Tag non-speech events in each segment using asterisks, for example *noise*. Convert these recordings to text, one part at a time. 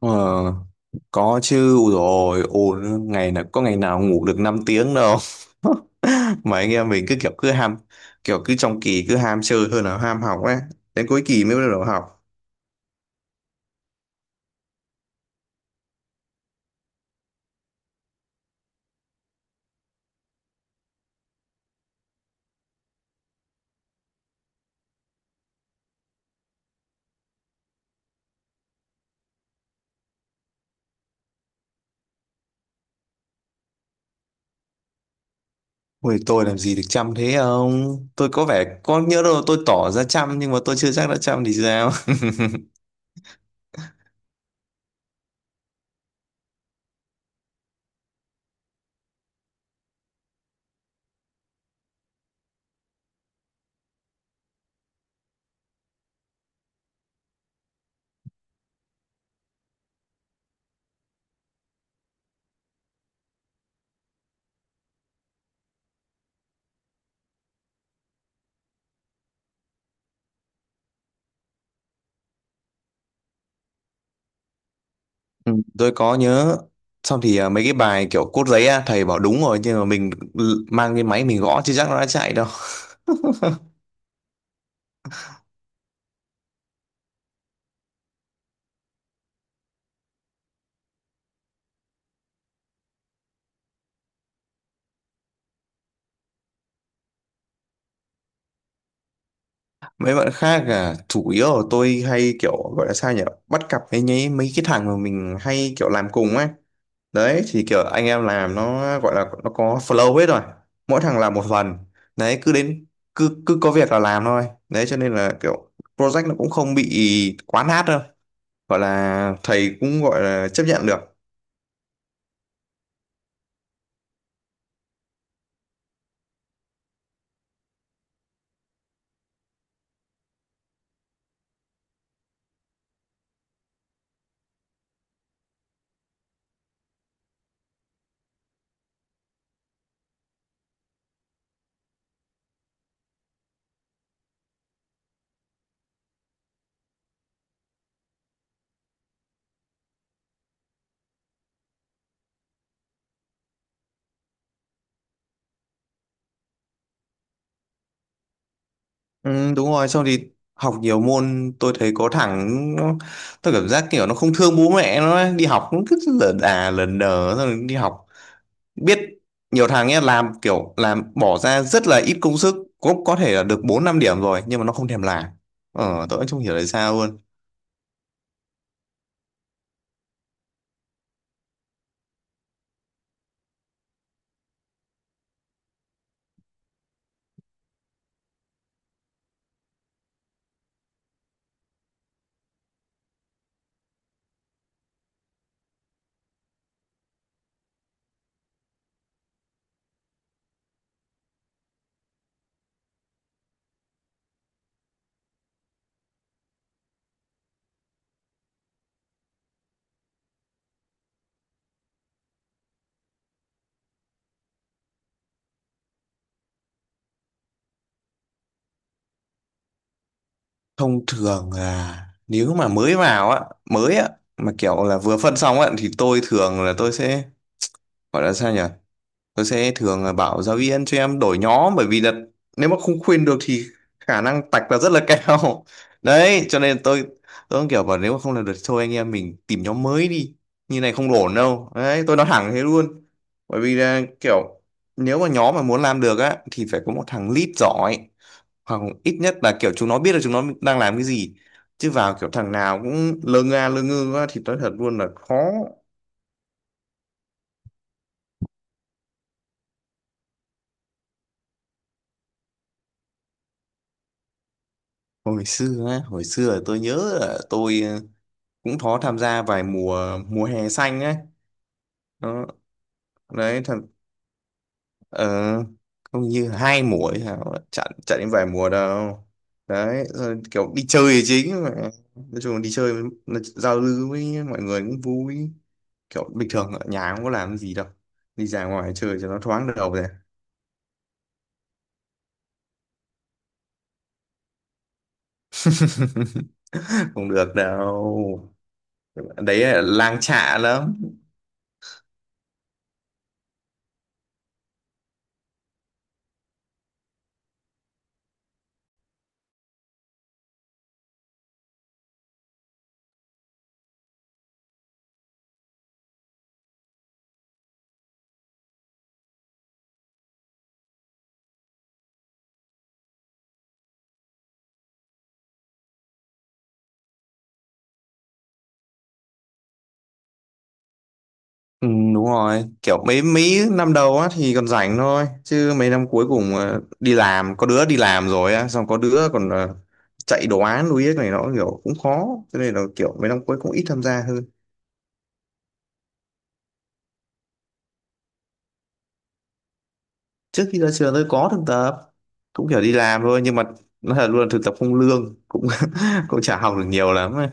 Ờ, có chứ. Ui rồi, ồn ngày nào ngủ được 5 tiếng đâu. *laughs* Mà anh em mình cứ kiểu cứ ham kiểu cứ trong kỳ cứ ham chơi hơn là ham học ấy, đến cuối kỳ mới bắt đầu học. Ui, tôi làm gì được chăm thế không? Tôi có vẻ có nhớ đâu, tôi tỏ ra chăm nhưng mà tôi chưa chắc đã chăm thì sao. *laughs* Ừ, tôi có nhớ. Xong thì mấy cái bài kiểu cốt giấy á, thầy bảo đúng rồi nhưng mà mình mang cái máy mình gõ chứ chắc nó đã chạy đâu. Mấy bạn khác à? Chủ yếu là tôi hay kiểu gọi là sao nhỉ, bắt cặp với nhí mấy cái thằng mà mình hay kiểu làm cùng ấy. Đấy thì kiểu anh em làm nó, gọi là nó có flow hết rồi, mỗi thằng làm một phần. Đấy, cứ cứ có việc là làm thôi, đấy cho nên là kiểu project nó cũng không bị quá nát đâu, gọi là thầy cũng gọi là chấp nhận được. Ừ, đúng rồi. Xong thì học nhiều môn tôi thấy có thằng nó, tôi cảm giác kiểu nó không thương bố mẹ nó ấy. Đi học nó cứ lờ đà lờ đờ xong rồi đi học. Biết, nhiều thằng ấy làm kiểu làm bỏ ra rất là ít công sức, cũng có thể là được 4 5 điểm rồi nhưng mà nó không thèm làm. Tôi cũng không hiểu tại sao luôn. Thông thường là nếu mà mới vào á, mới á mà kiểu là vừa phân xong á thì tôi thường là tôi sẽ, gọi là sao nhỉ, tôi sẽ thường bảo giáo viên cho em đổi nhóm, bởi vì là nếu mà không khuyên được thì khả năng tạch là rất là cao. *laughs* Đấy cho nên tôi cũng kiểu bảo nếu mà không làm được thì thôi anh em mình tìm nhóm mới đi, như này không ổn đâu, đấy tôi nói thẳng thế luôn. Bởi vì là kiểu, nếu mà nhóm mà muốn làm được á thì phải có một thằng lead giỏi, hoặc ít nhất là kiểu chúng nó biết là chúng nó đang làm cái gì, chứ vào kiểu thằng nào cũng lơ nga lơ ngơ quá thì nói thật luôn là khó. Hồi xưa là tôi nhớ là tôi cũng có tham gia vài mùa mùa hè xanh ấy. Đó. Đấy thật, ờ, không như 2 mùa ấy hả, chặn chặn đến vài mùa đâu. Đấy rồi kiểu đi chơi là chính mà, nói chung là đi chơi là giao lưu với mọi người cũng vui, kiểu bình thường ở nhà không có làm gì đâu, đi ra ngoài chơi cho nó thoáng đầu rồi. *laughs* Không được đâu, đấy là lang chạ lắm. Ừ, đúng rồi, kiểu mấy mấy năm đầu á thì còn rảnh thôi chứ mấy năm cuối cùng đi làm, có đứa đi làm rồi á, xong có đứa còn chạy đồ án đuối này nó kiểu cũng khó, cho nên là kiểu mấy năm cuối cũng ít tham gia hơn. Trước khi ra trường tôi có thực tập, cũng kiểu đi làm thôi nhưng mà nó là luôn là thực tập không lương, cũng *laughs* cũng chả học được nhiều lắm ấy.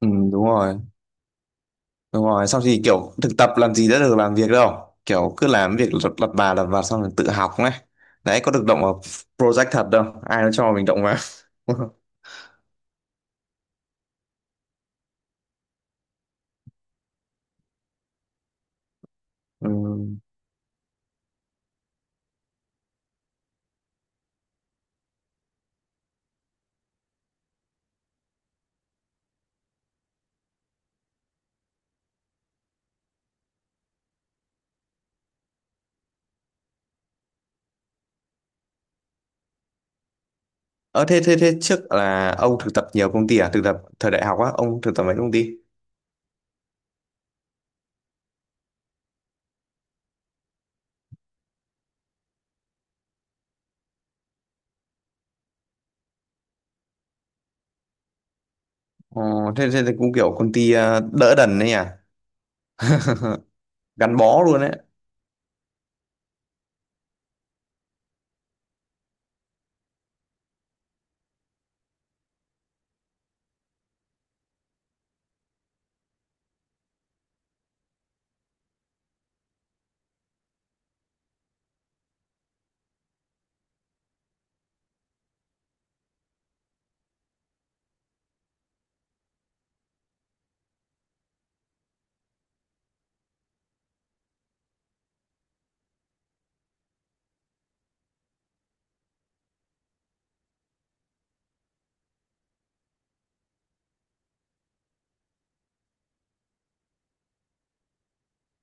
Ừ, đúng rồi. Đúng rồi, xong thì kiểu thực tập làm gì đã được làm việc đâu. Kiểu cứ làm việc lật lặt bà lặt vặt xong rồi tự học ấy. Đấy, có được động vào project thật đâu, ai nó cho mình động vào. *laughs* Ừ. Ờ, thế trước là ông thực tập nhiều công ty à? Thực tập thời đại học á, ông thực tập mấy công ty? Ờ, thế cũng kiểu công ty đỡ đần đấy nhỉ? Gắn bó luôn đấy.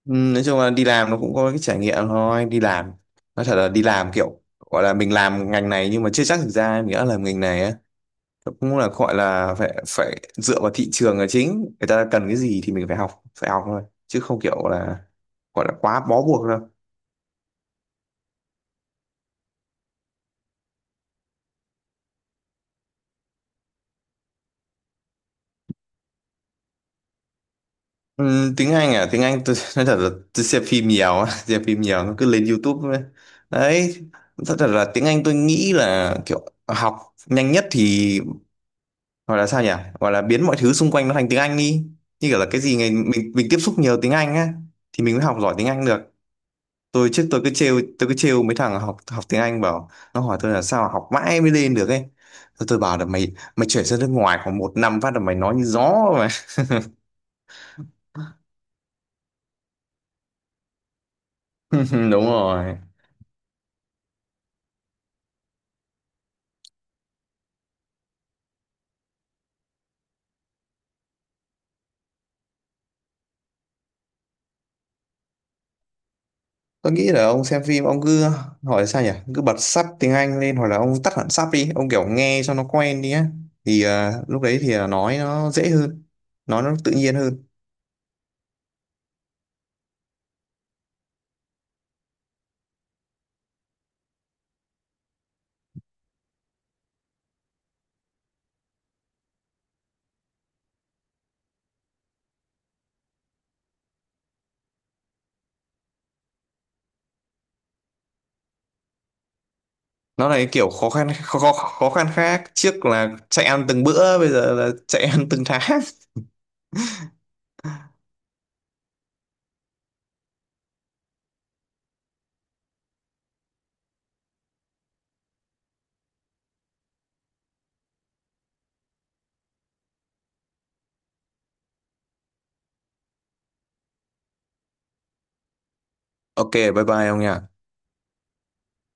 Ừ, nói chung là đi làm nó cũng có cái trải nghiệm thôi. Đi làm, nói thật là đi làm kiểu, gọi là mình làm ngành này nhưng mà chưa chắc thực ra mình đã làm ngành này á, cũng là gọi là phải phải dựa vào thị trường là chính, người ta cần cái gì thì mình phải học thôi chứ không kiểu là gọi là quá bó buộc đâu. Tiếng Anh à, tiếng Anh tôi *laughs* nói thật là tôi xem phim nhiều á, *laughs* xem phim nhiều nó cứ lên YouTube ấy. Đấy thật, thật là tiếng Anh tôi nghĩ là kiểu học nhanh nhất thì, gọi là sao nhỉ, gọi là biến mọi thứ xung quanh nó thành tiếng Anh đi, như kiểu là cái gì ngày mình tiếp xúc nhiều tiếng Anh á thì mình mới học giỏi tiếng Anh được. Tôi trước tôi cứ trêu mấy thằng học học tiếng Anh, bảo nó hỏi tôi là sao mà học mãi mới lên được ấy. Tôi bảo là mày mày chuyển sang nước ngoài khoảng 1 năm phát là mày nói như gió mà. *laughs* Đúng rồi, tôi nghĩ là ông xem phim ông cứ, hỏi sao nhỉ, cứ bật sub tiếng Anh lên hoặc là ông tắt hẳn sub đi ông kiểu nghe cho nó quen đi á, thì lúc đấy thì là nói nó dễ hơn, nói nó tự nhiên hơn. Nó là cái kiểu khó khăn, khó khăn khác, trước là chạy ăn từng bữa bây giờ là chạy ăn từng tháng. *laughs* OK, bye bye ông nhỉ.